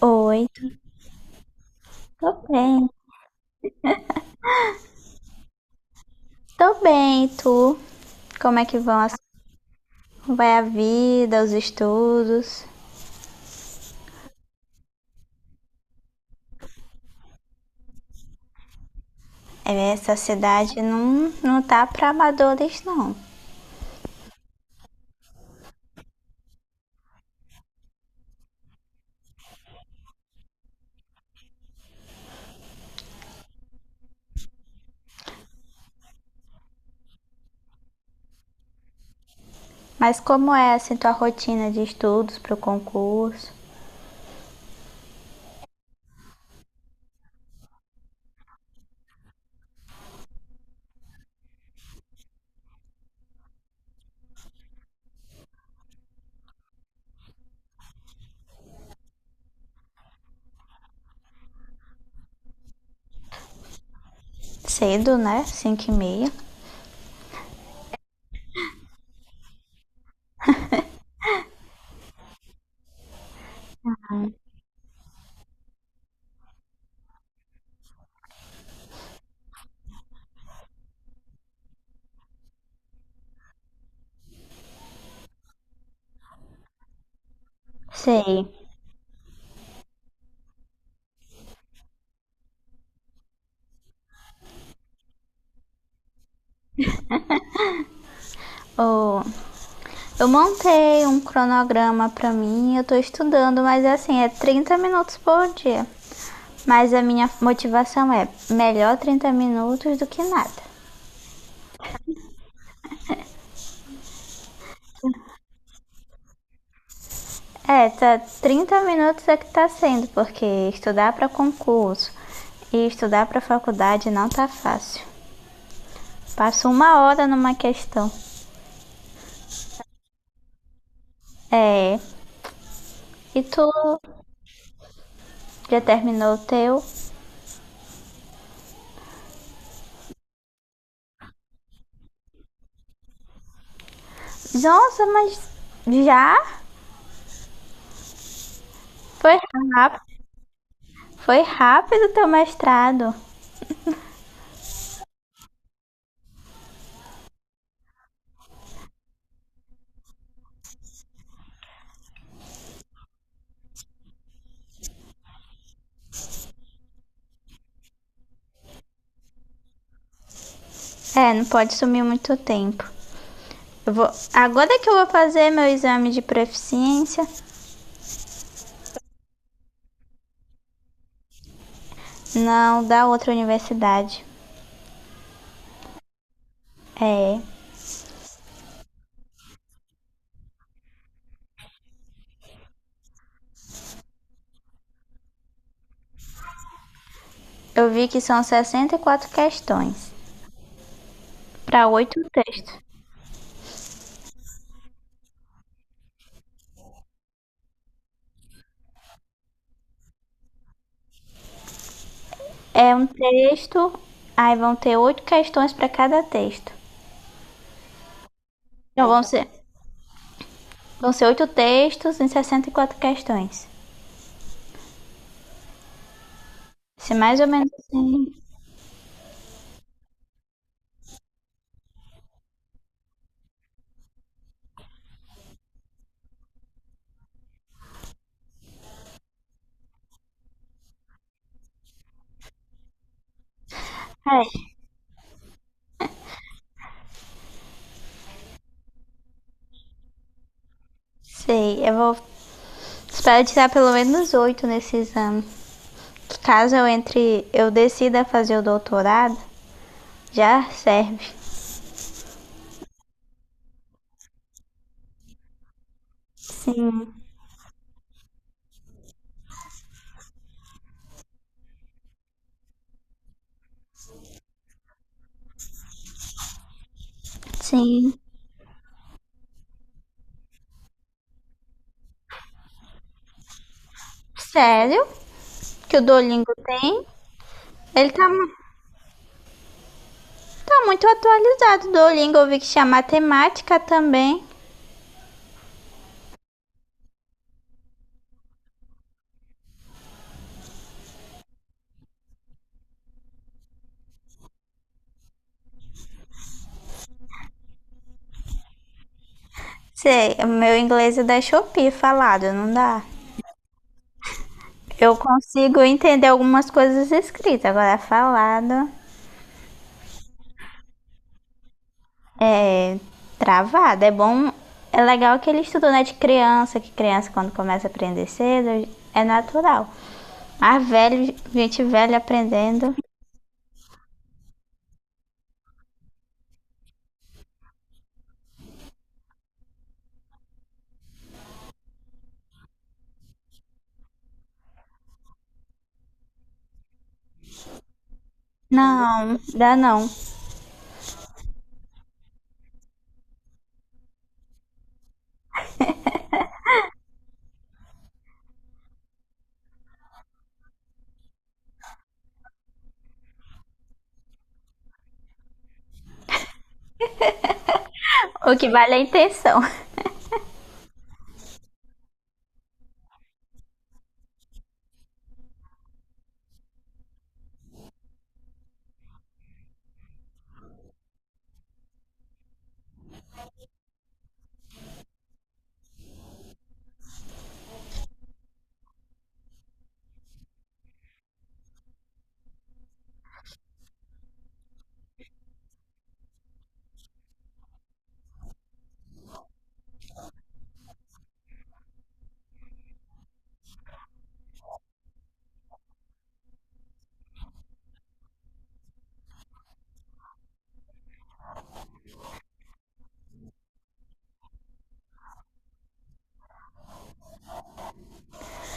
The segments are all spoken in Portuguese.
Oi, tô bem. Tô bem, e tu? Como é que vão as... vai a vida, os estudos? É, essa cidade não tá pra amadores, não. Mas como é, assim, tua rotina de estudos pro concurso? Cedo, né? 5h30. Sei. Oh, eu montei um cronograma pra mim, eu tô estudando, mas assim, é 30 minutos por dia. Mas a minha motivação é melhor 30 minutos do que nada. É, tá, 30 minutos é que tá sendo, porque estudar para concurso e estudar para faculdade não tá fácil. Passo 1 hora numa questão. É. E tu já terminou o teu? Nossa, mas já? Foi rápido. Foi rápido teu mestrado. É, não pode sumir muito tempo. Eu vou, agora que eu vou fazer meu exame de proficiência, não, da outra universidade. É, eu vi que são 64 questões para 8 textos. É um texto, aí vão ter 8 questões para cada texto. Então vão ser 8 textos em 64 questões. Se mais ou menos assim. É, sei, eu vou. Espero tirar pelo menos oito nesse exame. Caso eu entre, eu decida fazer o doutorado, já serve. Sim. Sério? Que o Duolingo tem? Ele tá muito atualizado. O Duolingo eu vi que tinha matemática também. Sei, o meu inglês é da Shopee falado, não dá. Eu consigo entender algumas coisas escritas, agora é falado, é travado. É bom, é legal que ele estudou, né, de criança, que criança quando começa a aprender cedo é natural. Mas velho, gente velha aprendendo, não, dá não. O que vale é a intenção.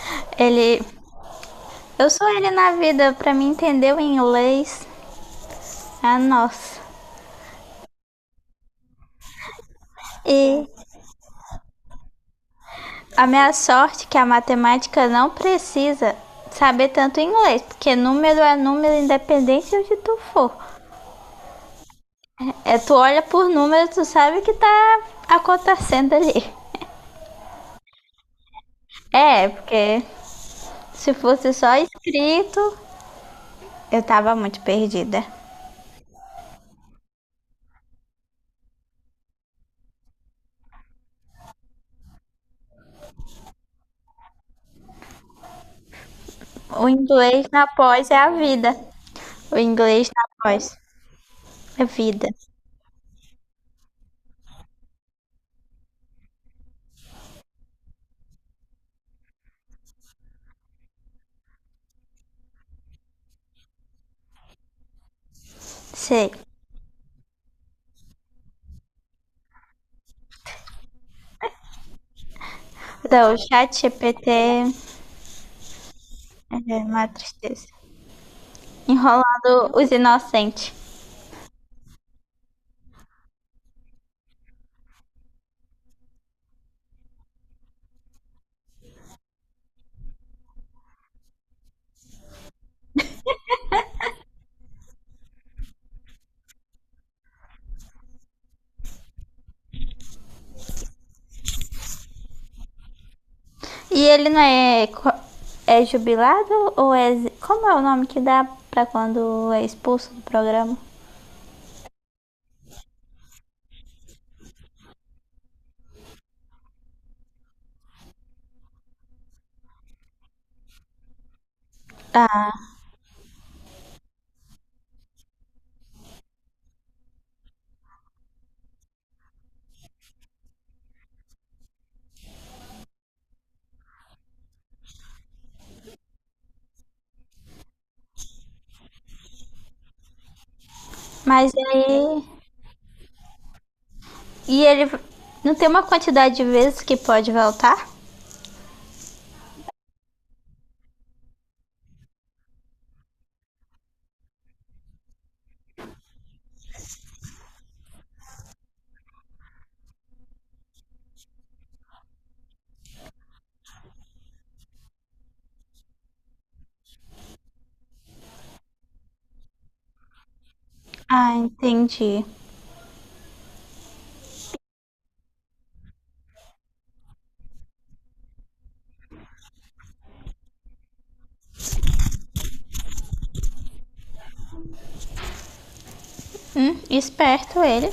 Ele, eu sou ele na vida, pra mim entender o inglês, ah, nossa. E a minha sorte é que a matemática não precisa saber tanto inglês, porque número é número independente de onde tu for. É, tu olha por número, tu sabe o que tá acontecendo ali. É, porque se fosse só escrito, eu tava muito perdida. O inglês na pós é a vida. O inglês na pós é vida. Sei. Então, o chat GPT é uma tristeza. Enrolando os inocentes. E ele não é, é jubilado ou é. Como é o nome que dá pra quando é expulso do programa? Ah, mas aí. E ele não tem uma quantidade de vezes que pode voltar? Ah, entendi. Esperto ele.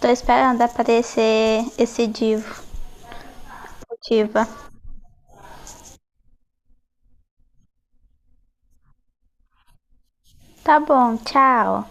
Tô esperando aparecer esse divo. Diva. Tá bom, tchau.